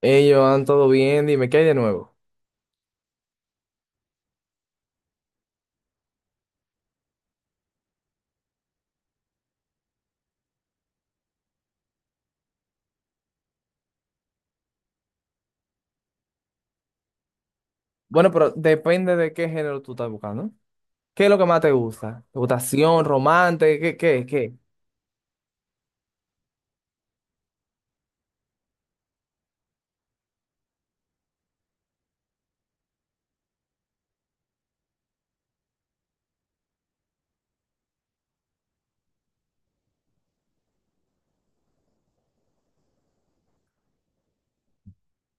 Ellos Joan, ¿todo bien? Dime, ¿qué hay de nuevo? Bueno, pero depende de qué género tú estás buscando. ¿Qué es lo que más te gusta? ¿Te gusta acción, romance? ¿Qué?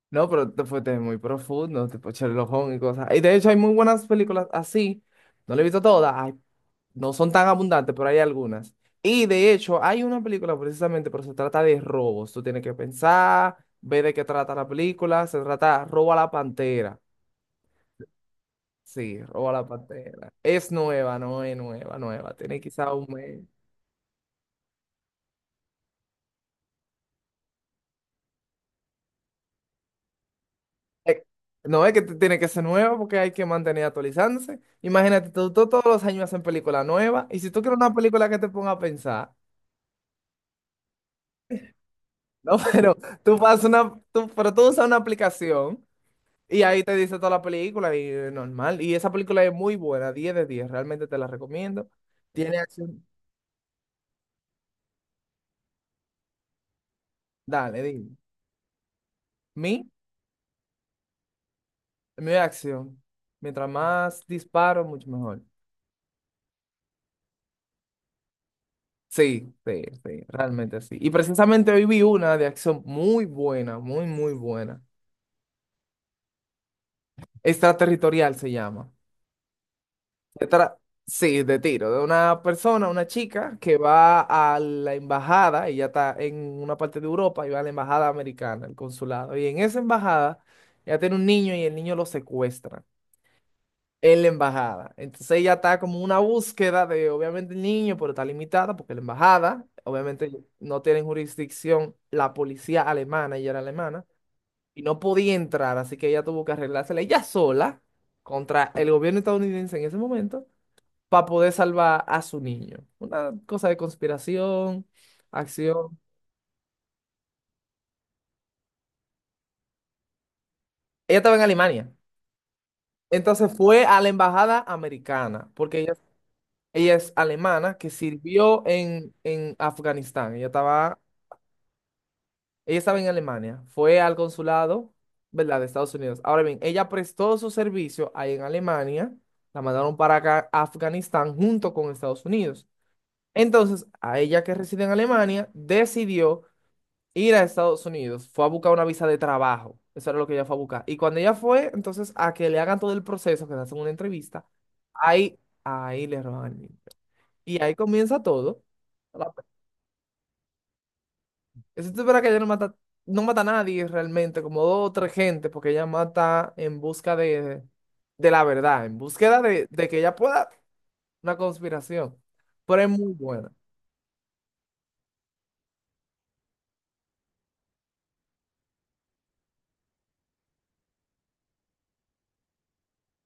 No, pero te fuiste muy profundo, tipo Sherlock Holmes y cosas. Y de hecho hay muy buenas películas así. No las he visto todas. No son tan abundantes, pero hay algunas. Y de hecho hay una película precisamente, pero se trata de robos. Tú tienes que pensar, ver de qué trata la película. Se trata Roba la Pantera. Sí, Roba la Pantera. Es nueva, no es nueva, nueva. Tiene quizá un mes. Eh, no es que tiene que ser nueva porque hay que mantener actualizándose. Imagínate, tú todos los años hacen películas nuevas y si tú quieres una película que te ponga a pensar, no, pero tú pasas una, tú, pero tú usas una aplicación y ahí te dice toda la película y normal. Y esa película es muy buena, 10 de 10, realmente te la recomiendo. Tiene acción. Dale, dime. Mi, mi acción. Mientras más disparo, mucho mejor. Sí, sí, sí, realmente sí. Y precisamente hoy vi una de acción muy buena, muy buena. Extraterritorial se llama. Se tra- sí, de tiro, de una persona, una chica que va a la embajada, ella está en una parte de Europa y va a la embajada americana, el consulado. Y en esa embajada ella tiene un niño y el niño lo secuestran. En la embajada. Entonces ella está como una búsqueda de, obviamente, el niño, pero está limitada porque la embajada, obviamente, no tiene jurisdicción la policía alemana, ella era alemana, y no podía entrar, así que ella tuvo que arreglársela ella sola contra el gobierno estadounidense en ese momento para poder salvar a su niño. Una cosa de conspiración, acción. Ella estaba en Alemania. Entonces fue a la embajada americana, porque ella es alemana que sirvió en Afganistán. Ella estaba en Alemania. Fue al consulado, ¿verdad? De Estados Unidos. Ahora bien, ella prestó su servicio ahí en Alemania. La mandaron para acá, Afganistán, junto con Estados Unidos. Entonces, a ella que reside en Alemania, decidió ir a Estados Unidos. Fue a buscar una visa de trabajo. Eso era lo que ella fue a buscar. Y cuando ella fue, entonces, a que le hagan todo el proceso, que le hacen una entrevista, ahí, ahí le roban. Y ahí comienza todo. La- Eso es verdad, que ella no mata, no mata a nadie realmente, como dos o tres gente, porque ella mata en busca de la verdad, en búsqueda de que ella pueda una conspiración. Pero es muy buena.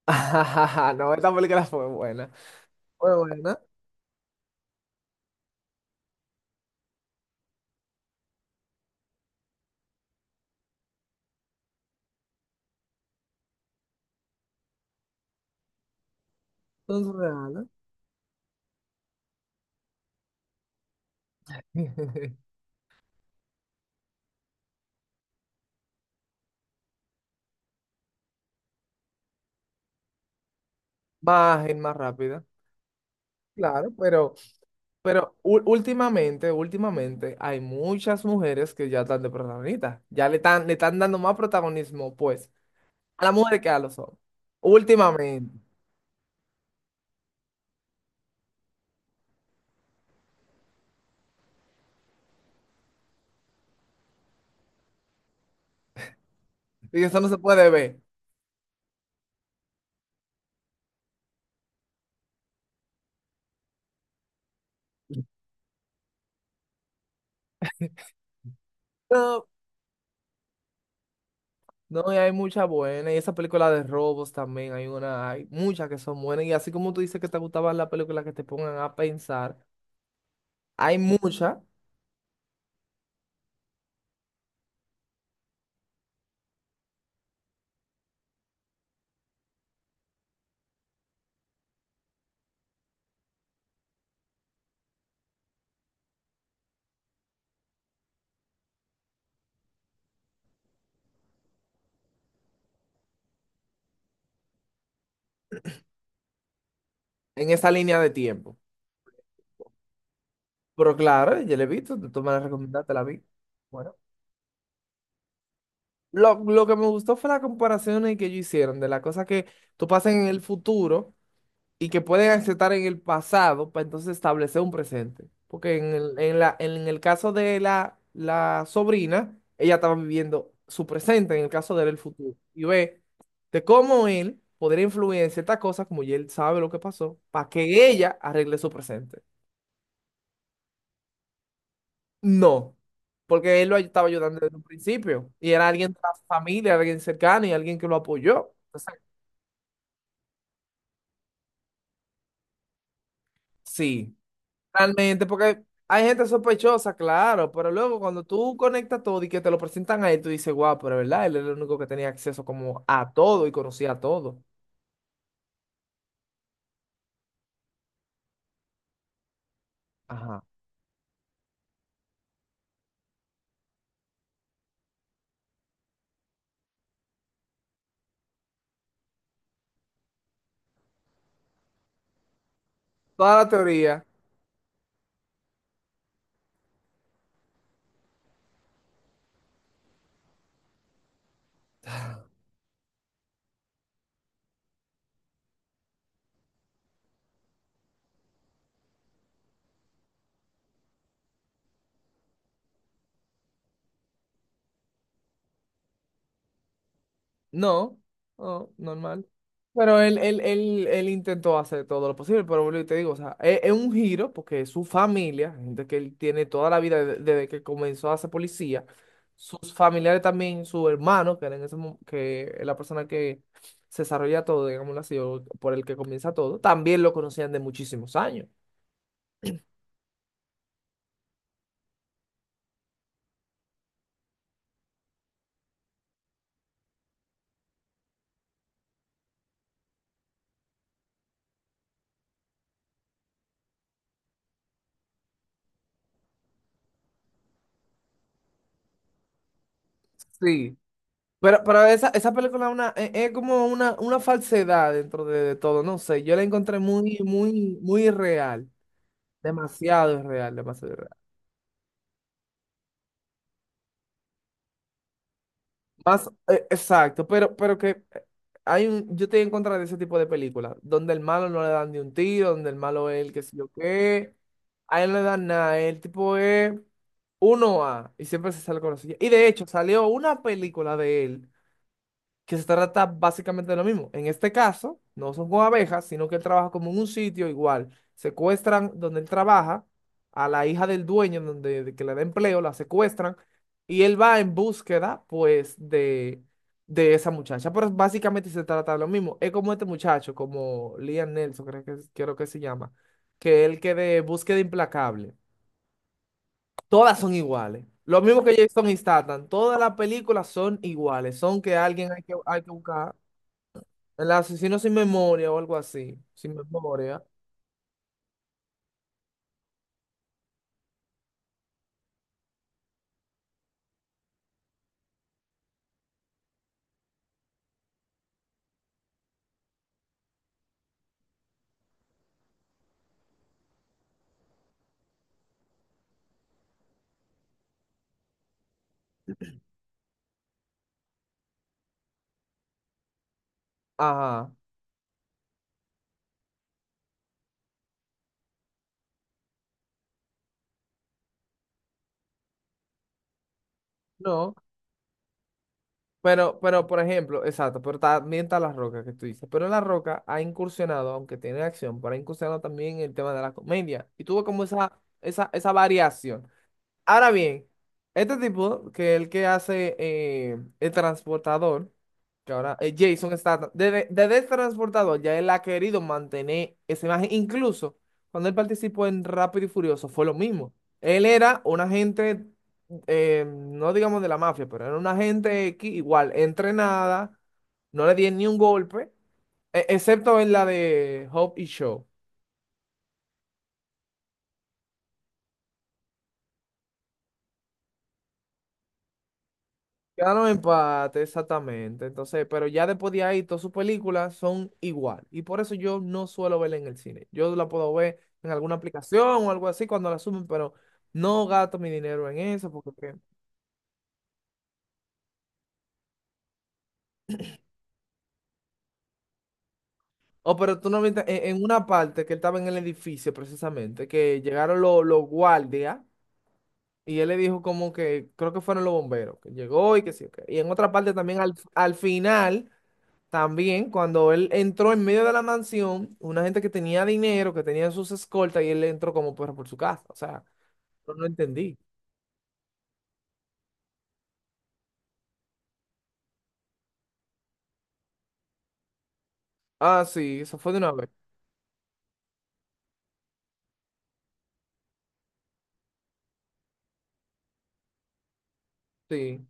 No, esta película fue buena. Fue buena, son reales. Más, es más rápida. Claro, pero últimamente, últimamente hay muchas mujeres que ya están de protagonistas, ya le están dando más protagonismo, pues. A la mujer que a los hombres. Últimamente. Y eso no se puede ver. No, no, y hay muchas buenas. Y esa película de robos también. Hay una, hay muchas que son buenas. Y así como tú dices que te gustaban las películas que te pongan a pensar, hay muchas en esa línea de tiempo. Pero claro, yo la he visto, tú me la recomendaste, la vi. Bueno. Lo que me gustó fue las comparaciones que ellos hicieron de las cosas que tú pasas en el futuro y que pueden aceptar en el pasado para entonces establecer un presente. Porque en el, en la, en el caso de la, la sobrina, ella estaba viviendo su presente, en el caso de él, el futuro. Y ve de cómo él podría influir en ciertas cosas, como ya él sabe lo que pasó, para que ella arregle su presente. No, porque él lo estaba ayudando desde un principio y era alguien de la familia, alguien cercano y alguien que lo apoyó. Entonces, sí. Realmente, porque hay gente sospechosa, claro, pero luego cuando tú conectas todo y que te lo presentan a él, tú dices, guau, pero verdad, él es el único que tenía acceso como a todo y conocía a todo. Ajá. Toda la teoría. No, no, normal. Pero él intentó hacer todo lo posible, pero vuelvo y te digo, o sea, es un giro porque su familia, gente que él tiene toda la vida desde que comenzó a ser policía, sus familiares también, su hermano, que era en ese, que es la persona que se desarrolla todo, digámoslo así, o por el que comienza todo, también lo conocían de muchísimos años. Sí, pero esa, esa película es una, es como una falsedad dentro de todo, no sé, yo la encontré muy, muy, muy real. Demasiado irreal, demasiado irreal. Más, exacto, pero que hay un, yo estoy en contra de ese tipo de películas, donde el malo no le dan ni un tiro, donde el malo es el que sé yo qué, a él no le dan nada, el tipo es uno a y siempre se sale con la suya. Y de hecho, salió una película de él que se trata básicamente de lo mismo. En este caso, no son con abejas, sino que él trabaja como en un sitio igual. Secuestran donde él trabaja a la hija del dueño, donde de que le da empleo, la secuestran y él va en búsqueda, pues, de esa muchacha. Pero básicamente se trata de lo mismo. Es como este muchacho, como Liam Nelson, creo que se llama, que él que de búsqueda implacable. Todas son iguales. Lo mismo que Jason Statham, todas las películas son iguales, son que alguien hay que buscar. El asesino sin memoria o algo así. Sin memoria. Ajá. No. Pero, por ejemplo, exacto, pero también está La Roca que tú dices. Pero La Roca ha incursionado, aunque tiene acción, pero ha incursionado también en el tema de la comedia. Y tuvo como esa variación. Ahora bien, este tipo, que es el que hace el transportador, que ahora Jason Statham, desde, desde el transportador ya él ha querido mantener esa imagen. Incluso cuando él participó en Rápido y Furioso fue lo mismo. Él era un agente, no digamos de la mafia, pero era un agente X, igual, entrenada, no le dieron ni un golpe, excepto en la de Hope y Shaw. Quedaron empate, exactamente. Entonces, pero ya después de ahí, todas sus películas son igual. Y por eso yo no suelo verla en el cine. Yo la puedo ver en alguna aplicación o algo así cuando la suben, pero no gasto mi dinero en eso. Porque... Oh, pero tú no viste en una parte que él estaba en el edificio precisamente, que llegaron los guardias y él le dijo como que creo que fueron los bomberos, que llegó y que sí. Ok. Y en otra parte también al, al final. También cuando él entró en medio de la mansión, una gente que tenía dinero, que tenía sus escoltas, y él entró como perro por su casa. O sea, yo no entendí. Ah, sí, eso fue de una vez. Sí.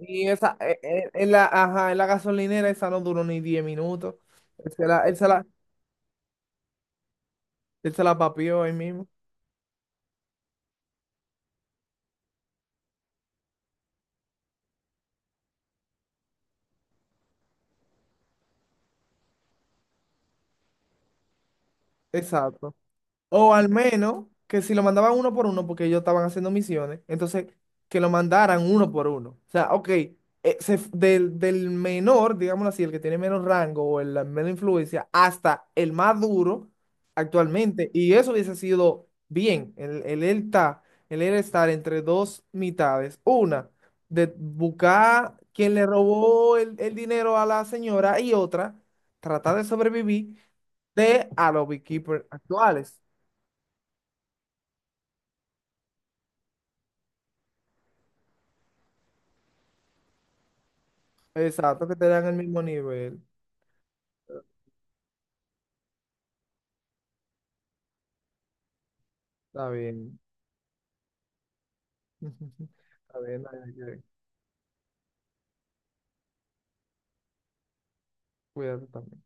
Y esa, en la, ajá, en la gasolinera, esa no duró ni 10 minutos. Él se la, él se la, Él se la papió ahí mismo. Exacto. O al menos que si lo mandaban uno por uno, porque ellos estaban haciendo misiones, entonces que lo mandaran uno por uno. O sea, ok, del, del menor, digámoslo así, el que tiene menos rango o el, la menos influencia, hasta el más duro actualmente. Y eso hubiese sido bien. Él está, el él estar entre dos mitades. Una, de buscar quien le robó el dinero a la señora y otra, tratar de sobrevivir de a los beekeepers actuales. Exacto, que te dan el mismo nivel. Está bien. Está bien, hay que cuídate también.